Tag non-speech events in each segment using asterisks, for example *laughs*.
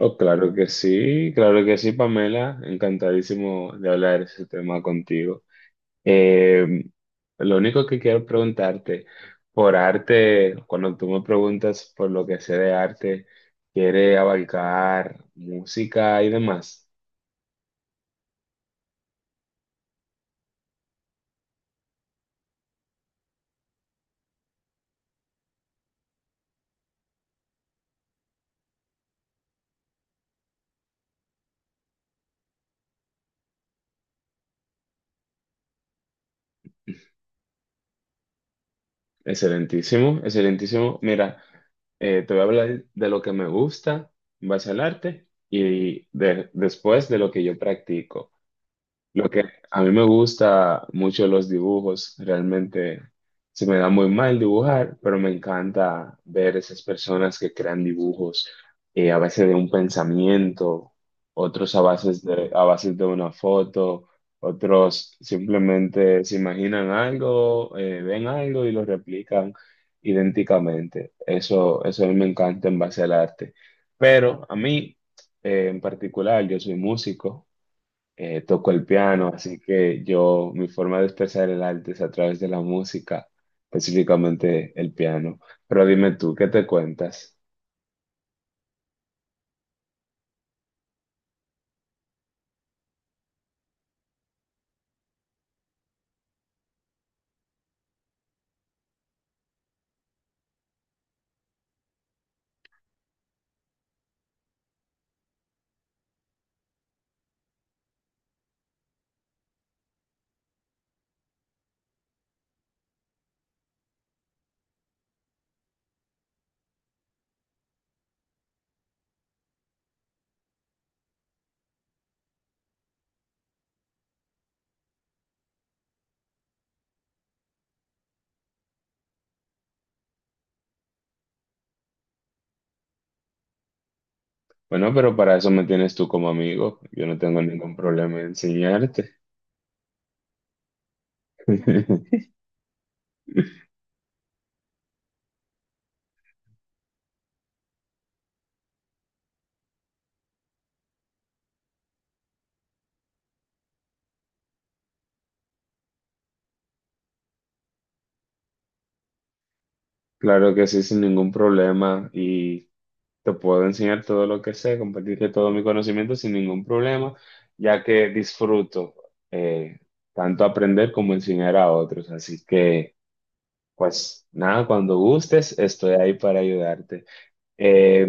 Oh, claro que sí, Pamela. Encantadísimo de hablar ese tema contigo. Eh, lo único que quiero preguntarte, por arte, cuando tú me preguntas por lo que sé de arte, ¿quiere abarcar música y demás? Excelentísimo, excelentísimo. Mira, te voy a hablar de lo que me gusta en base al arte y después de lo que yo practico. Lo que a mí me gusta mucho los dibujos, realmente se me da muy mal dibujar, pero me encanta ver esas personas que crean dibujos, a veces de un pensamiento, otros a bases de una foto, otros simplemente se imaginan algo, ven algo y lo replican idénticamente. Eso a mí me encanta en base al arte. Pero a mí, en particular, yo soy músico, toco el piano, así que yo, mi forma de expresar el arte es a través de la música, específicamente el piano. Pero dime tú, ¿qué te cuentas? Bueno, pero para eso me tienes tú como amigo. Yo no tengo ningún problema en enseñarte. *laughs* Claro que sí, sin ningún problema. Y te puedo enseñar todo lo que sé, compartirte todo mi conocimiento sin ningún problema, ya que disfruto, eh, tanto aprender como enseñar a otros. Así que... Pues nada, cuando gustes, estoy ahí para ayudarte. Eh,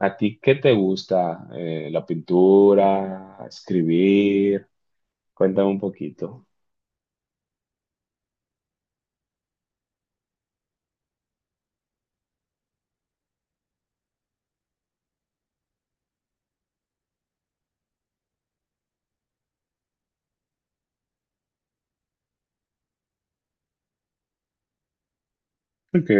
¿A ti qué te gusta? ¿La pintura? ¿Escribir? Cuéntame un poquito. Ok,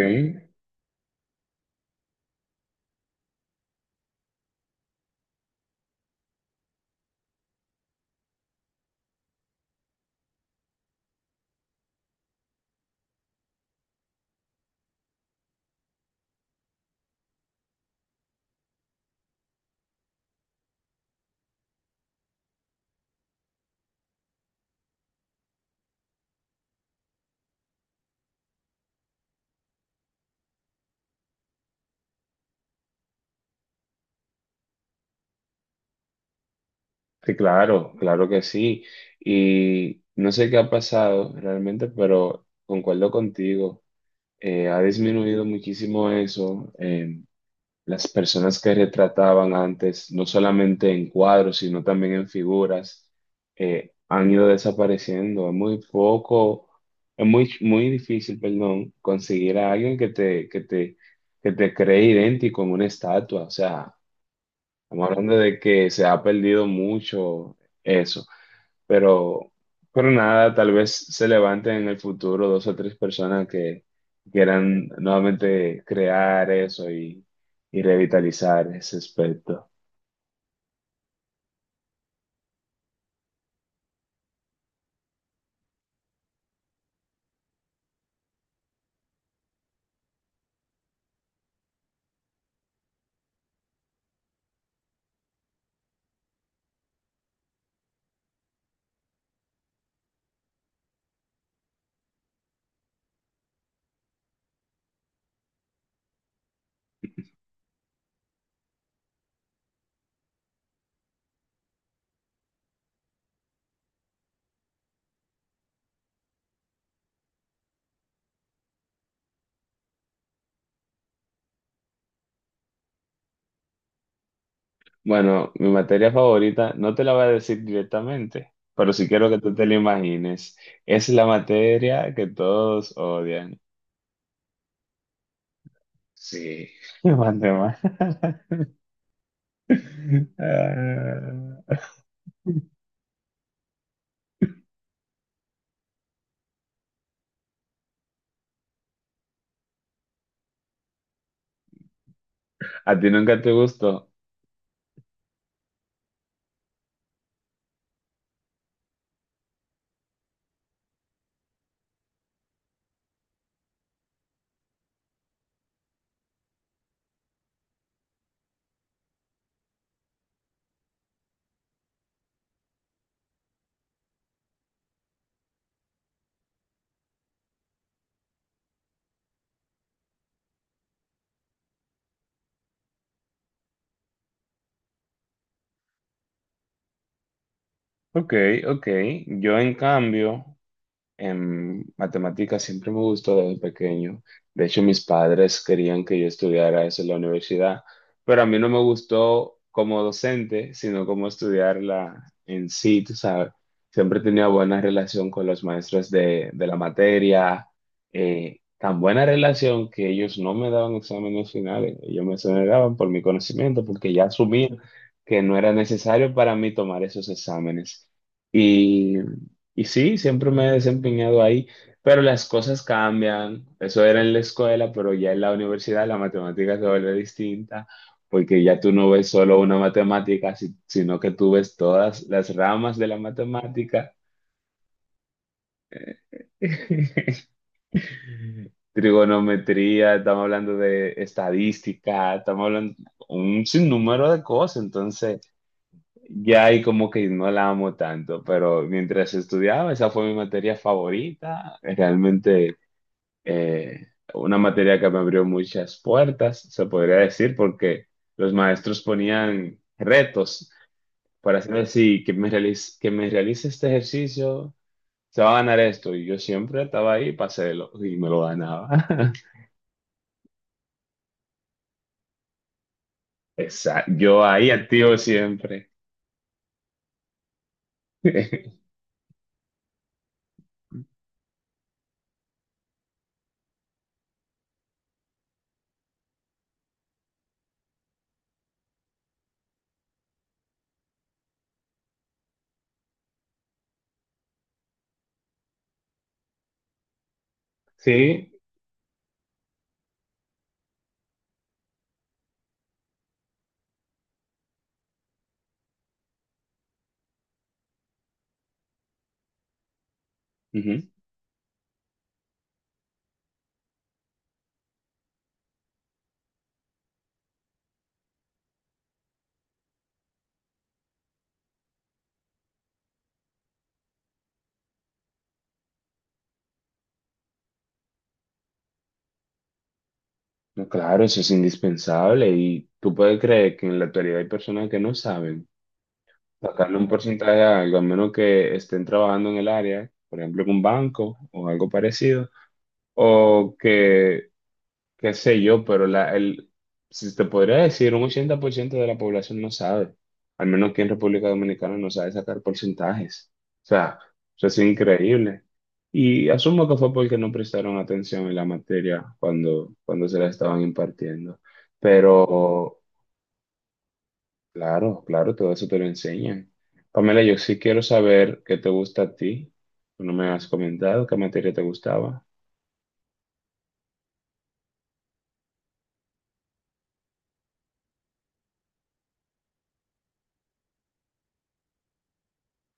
sí, claro, claro que sí. Y no sé qué ha pasado realmente, pero concuerdo contigo. Ha disminuido muchísimo eso. Las personas que retrataban antes, no solamente en cuadros, sino también en figuras, han ido desapareciendo. Es muy poco, es muy, muy difícil, perdón, conseguir a alguien que que te cree idéntico en una estatua. O sea, estamos hablando de que se ha perdido mucho eso, pero, pero nada, tal vez se levanten en el futuro dos o tres personas que quieran nuevamente crear eso y revitalizar ese aspecto. Bueno, mi materia favorita, no te la voy a decir directamente, pero sí quiero que tú te la imagines. Es la materia que todos odian. Sí, *laughs* matemáticas. *laughs* Ah. A ti nunca te gustó. Ok, ok. Yo en cambio, en matemáticas siempre me gustó desde pequeño. De hecho, mis padres querían que yo estudiara eso en la universidad, pero a mí no me gustó como docente, sino como estudiarla en sí, tú sabes. Siempre tenía buena relación con los maestros de la materia, tan buena relación que ellos no me daban exámenes finales, ellos me exoneraban por mi conocimiento, porque ya asumían que no era necesario para mí tomar esos exámenes. Y y sí, siempre me he desempeñado ahí, pero las cosas cambian. Eso era en la escuela, pero ya en la universidad la matemática se vuelve distinta, porque ya tú no ves solo una matemática, sino que tú ves todas las ramas de la matemática. *laughs* Trigonometría, estamos hablando de estadística, estamos hablando un sinnúmero de cosas, entonces ya ahí como que no la amo tanto, pero mientras estudiaba, esa fue mi materia favorita, realmente, eh, una materia que me abrió muchas puertas, se podría decir, porque los maestros ponían retos para hacerme así, que me realice este ejercicio, se va a ganar esto. Y yo siempre estaba ahí, y me lo ganaba. *laughs* Exacto. Yo ahí activo siempre. *laughs* Sí, ujú. No, claro, eso es indispensable y tú puedes creer que en la actualidad hay personas que no saben sacarle un porcentaje a algo, a menos que estén trabajando en el área, por ejemplo, en un banco o algo parecido, o que, qué sé yo, pero si te podría decir, un 80% de la población no sabe, al menos que en República Dominicana no sabe sacar porcentajes. O sea, eso es increíble. Y asumo que fue porque no prestaron atención en la materia cuando se la estaban impartiendo. Mm. Pero claro, claro, todo eso te lo enseñan. Pamela, yo sí quiero saber qué te gusta a ti. Tú no me has comentado qué materia te gustaba.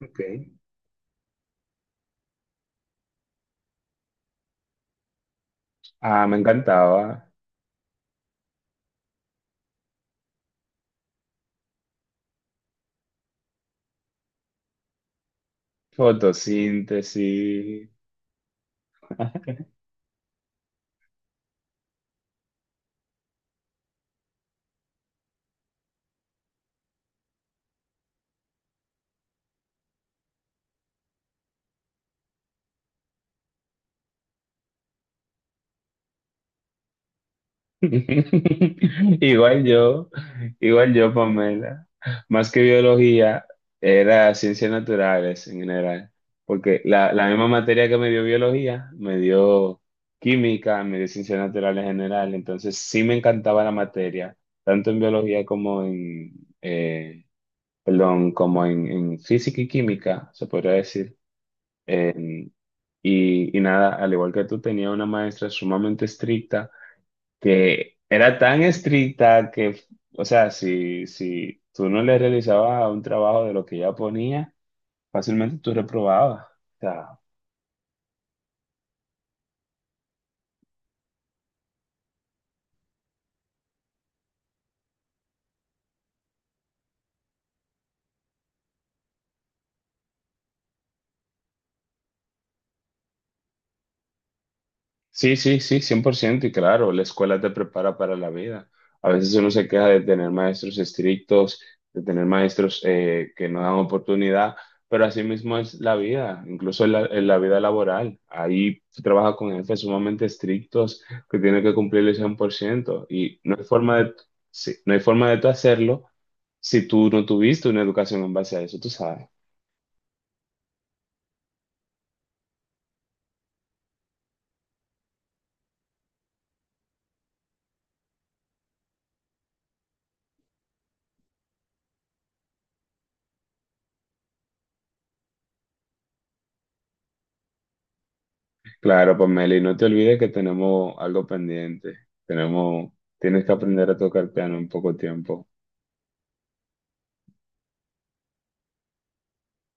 Ok. Ah, me encantaba. Fotosíntesis. *laughs* *laughs* Igual yo, igual yo, Pamela. Más que biología, era ciencias naturales en general. Porque la misma materia que me dio biología, me dio química, me dio ciencias naturales en general. Entonces sí me encantaba la materia, tanto en biología como en, eh, perdón, como en física y química, se podría decir. En- y, y nada, al igual que tú, tenía una maestra sumamente estricta, que era tan estricta que, o sea, si, si tú no le realizabas un trabajo de lo que ella ponía, fácilmente tú reprobabas. O sea, sí, sí, sí, 100% y claro, la escuela te prepara para la vida. A veces uno se queja de tener maestros estrictos, de tener maestros que no dan oportunidad, pero así mismo es la vida, incluso en en la vida laboral. Ahí se trabaja con jefes sumamente estrictos que tienen que cumplir el 100% y no hay forma de, sí, no hay forma de tú hacerlo si tú no tuviste una educación en base a eso, tú sabes. Claro, Pamela, y no te olvides que tenemos algo pendiente. Tenemos, tienes que aprender a tocar piano en poco tiempo.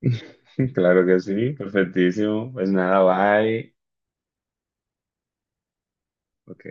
*laughs* Claro que sí, perfectísimo. Pues nada, bye. Ok.